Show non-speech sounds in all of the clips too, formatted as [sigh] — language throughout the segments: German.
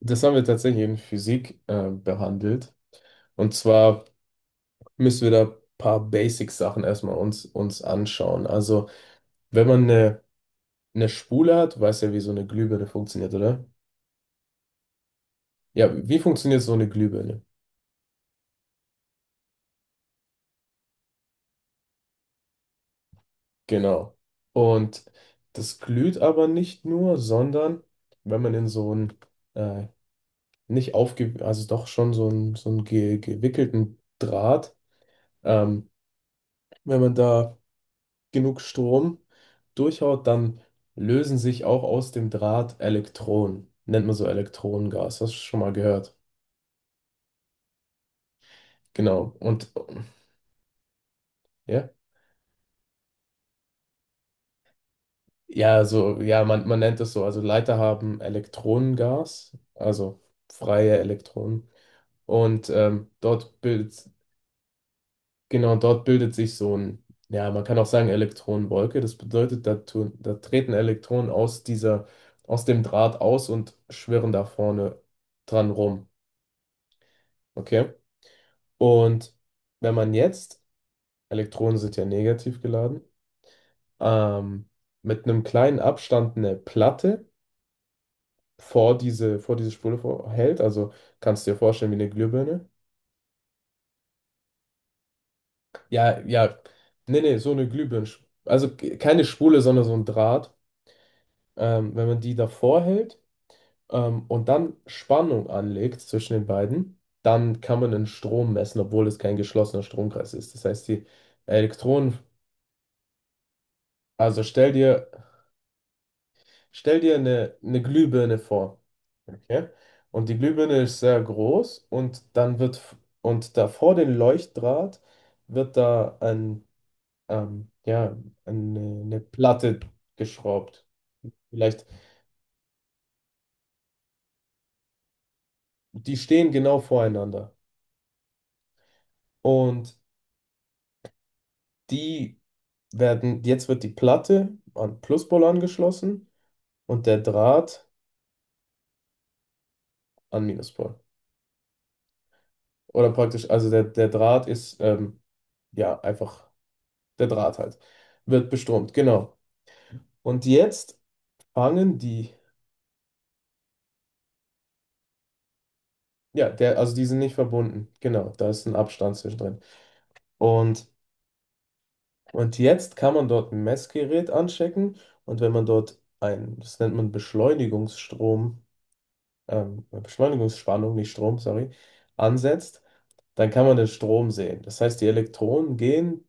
Das haben wir tatsächlich in Physik behandelt. Und zwar müssen wir da ein paar Basic-Sachen erstmal uns anschauen. Also, wenn man eine Spule hat, weiß ja, wie so eine Glühbirne funktioniert, oder? Ja, wie funktioniert so eine Glühbirne? Genau. Und das glüht aber nicht nur, sondern wenn man in so einen äh, nicht aufge, also doch schon so einen ge gewickelten Draht, ähm, wenn man da genug Strom durchhaut, dann lösen sich auch aus dem Draht Elektronen. Nennt man so Elektronengas. Hast du schon mal gehört? Genau. Und ja, ja, so, ja, man nennt es so. Also Leiter haben Elektronengas, also freie Elektronen. Und dort bildet, genau, dort bildet sich so ein, ja, man kann auch sagen Elektronenwolke. Das bedeutet, da treten Elektronen aus dieser, aus dem Draht aus und schwirren da vorne dran rum. Okay? Und wenn man jetzt, Elektronen sind ja negativ geladen, ähm, mit einem kleinen Abstand eine Platte vor diese Spule vor, hält, also kannst du dir vorstellen wie eine Glühbirne. Ja, ja, nee, nee, so eine Glühbirne. Also keine Spule, sondern so ein Draht. Wenn man die davor hält und dann Spannung anlegt zwischen den beiden, dann kann man den Strom messen, obwohl es kein geschlossener Stromkreis ist. Das heißt, die Elektronen, also stell dir Stell dir eine Glühbirne vor. Okay? Und die Glühbirne ist sehr groß und dann und da vor den Leuchtdraht wird da ein, ja, eine Platte geschraubt. Vielleicht, die stehen genau voreinander. Und die werden, jetzt wird die Platte an Pluspol angeschlossen und der Draht an Minuspol. Oder praktisch, also der Draht ist ja einfach. Der Draht halt, wird besturmt, genau. Und jetzt fangen die, ja, also die sind nicht verbunden, genau, da ist ein Abstand zwischendrin. Und, und jetzt kann man dort ein Messgerät anstecken und wenn man dort ein, das nennt man Beschleunigungsstrom, Beschleunigungsspannung, nicht Strom, sorry, ansetzt, dann kann man den Strom sehen. Das heißt, die Elektronen gehen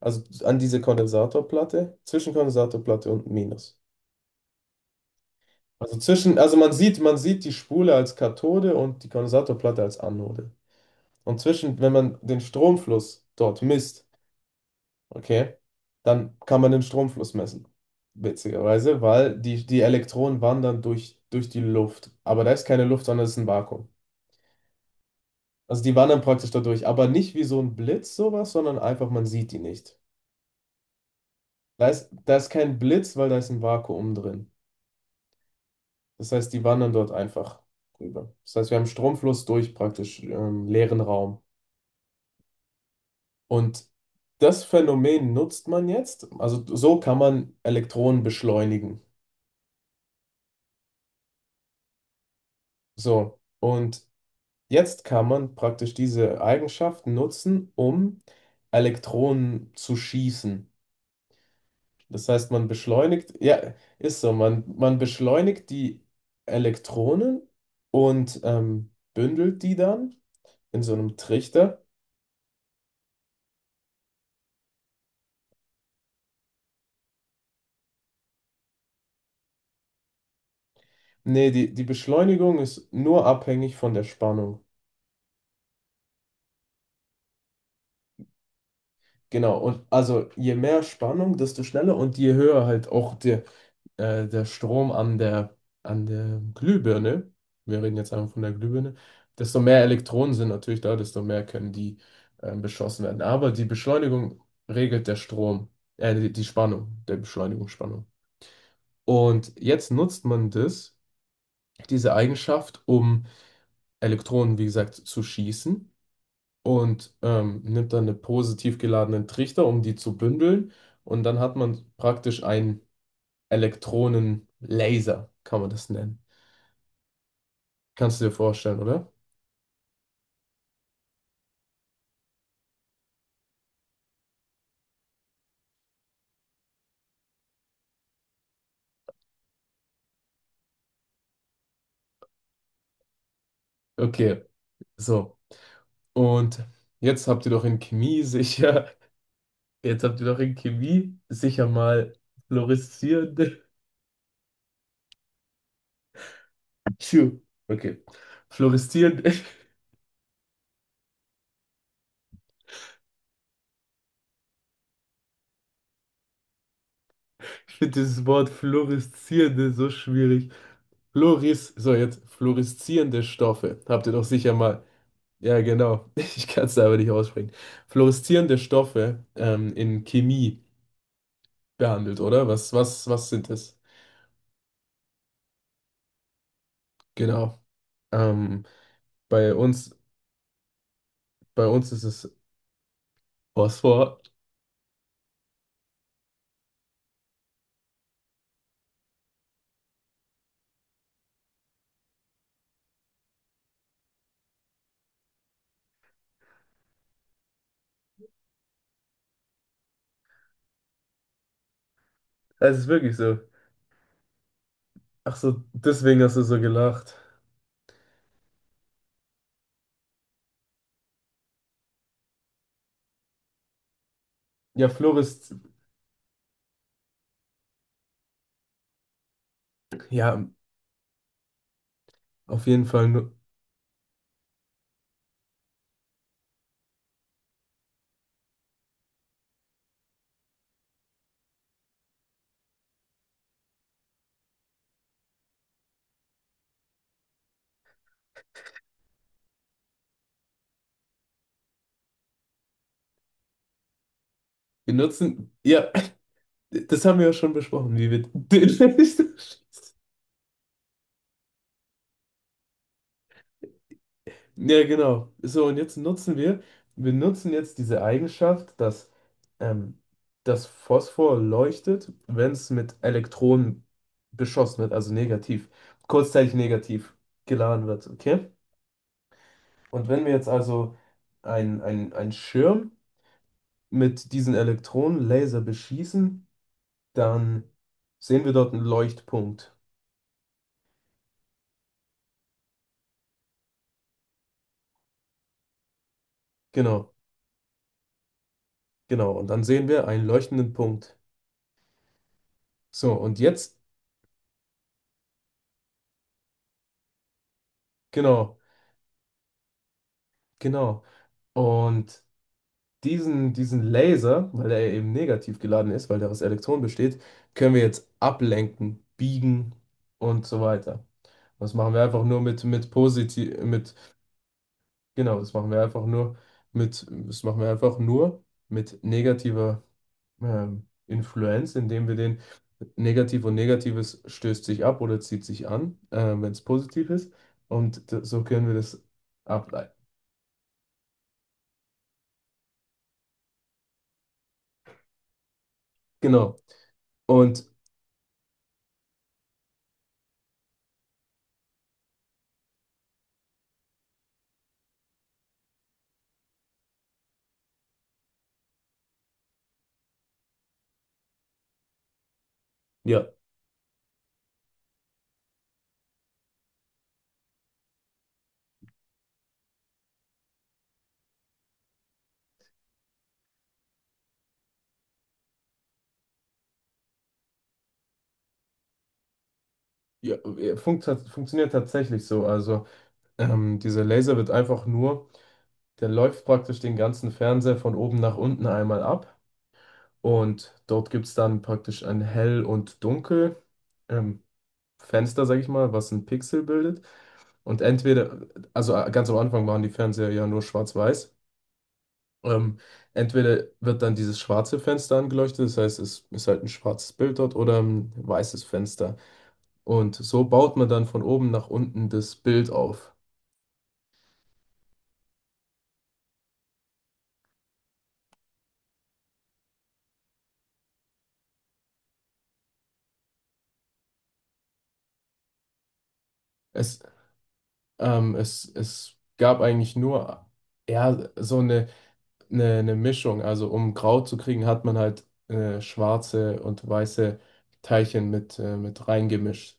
also an diese Kondensatorplatte, zwischen Kondensatorplatte und Minus. Also zwischen, also man sieht die Spule als Kathode und die Kondensatorplatte als Anode. Und zwischen, wenn man den Stromfluss dort misst, okay, dann kann man den Stromfluss messen. Witzigerweise, weil die Elektronen wandern durch die Luft. Aber da ist keine Luft, sondern es ist ein Vakuum. Also die wandern praktisch dadurch, aber nicht wie so ein Blitz sowas, sondern einfach, man sieht die nicht. Da ist kein Blitz, weil da ist ein Vakuum drin. Das heißt, die wandern dort einfach rüber. Das heißt, wir haben Stromfluss durch praktisch leeren Raum. Und das Phänomen nutzt man jetzt. Also so kann man Elektronen beschleunigen. So. Und jetzt kann man praktisch diese Eigenschaft nutzen, um Elektronen zu schießen. Das heißt, man beschleunigt, ja, ist so, man beschleunigt die Elektronen und bündelt die dann in so einem Trichter. Nee, die Beschleunigung ist nur abhängig von der Spannung. Genau, und also je mehr Spannung, desto schneller und je höher halt auch der Strom an der Glühbirne, wir reden jetzt einfach von der Glühbirne, desto mehr Elektronen sind natürlich da, desto mehr können die beschossen werden. Aber die Beschleunigung regelt der Strom, die Spannung, der Beschleunigungsspannung. Und jetzt nutzt man das, diese Eigenschaft, um Elektronen, wie gesagt, zu schießen und nimmt dann eine positiv geladenen Trichter, um die zu bündeln. Und dann hat man praktisch einen Elektronenlaser, kann man das nennen. Kannst du dir vorstellen, oder? Okay, so. Und jetzt habt ihr doch in Chemie sicher, [laughs] jetzt habt ihr doch in Chemie sicher mal fluoreszierende. Tschu. Okay. Fluoreszierende, [laughs] ich finde dieses Wort fluoreszierende so schwierig. Fluoris, so jetzt fluoreszierende Stoffe. Habt ihr doch sicher mal ja, genau. [laughs] Ich kann es aber nicht aussprechen. Fluoreszierende Stoffe in Chemie behandelt, oder? Was sind das? Genau. Ähm, bei uns, bei uns ist es Phosphor. Es ist wirklich so. Ach so, deswegen hast du so gelacht. Ja, Fluoresz, ja, auf jeden Fall. Wir nutzen, ja, [laughs] das haben wir ja schon besprochen, wie wir den [laughs] Fenster schließen. Ja, genau. So, und jetzt nutzen wir, wir nutzen jetzt diese Eigenschaft, dass ähm, das Phosphor leuchtet, wenn es mit Elektronen beschossen wird, also negativ, kurzzeitig negativ geladen wird, okay? Und wenn wir jetzt also einen ein Schirm mit diesen Elektronenlaser beschießen, dann sehen wir dort einen Leuchtpunkt. Genau, genau. Und dann sehen wir einen leuchtenden Punkt. So, und jetzt, genau, genau. Und diesen Laser, weil er eben negativ geladen ist, weil der aus Elektronen besteht, können wir jetzt ablenken, biegen und so weiter. Das machen wir einfach nur mit positiv, genau, das machen wir einfach nur mit, das machen wir einfach nur mit negativer Influenz, indem wir den negativ und negatives stößt sich ab oder zieht sich an, wenn es positiv ist. Und so können wir das ableiten. Genau. Und ja, ja, funktioniert, funktioniert tatsächlich so. Also ähm, dieser Laser wird einfach nur, der läuft praktisch den ganzen Fernseher von oben nach unten einmal ab und dort gibt es dann praktisch ein Hell- und Dunkel, ähm, Fenster, sag ich mal, was ein Pixel bildet. Und entweder, also ganz am Anfang waren die Fernseher ja nur schwarz-weiß. Ähm, entweder wird dann dieses schwarze Fenster angeleuchtet, das heißt, es ist halt ein schwarzes Bild dort oder ein weißes Fenster. Und so baut man dann von oben nach unten das Bild auf. Es, ähm, es gab eigentlich nur eher so eine, eine Mischung. Also um grau zu kriegen, hat man halt schwarze und weiße Teilchen mit reingemischt.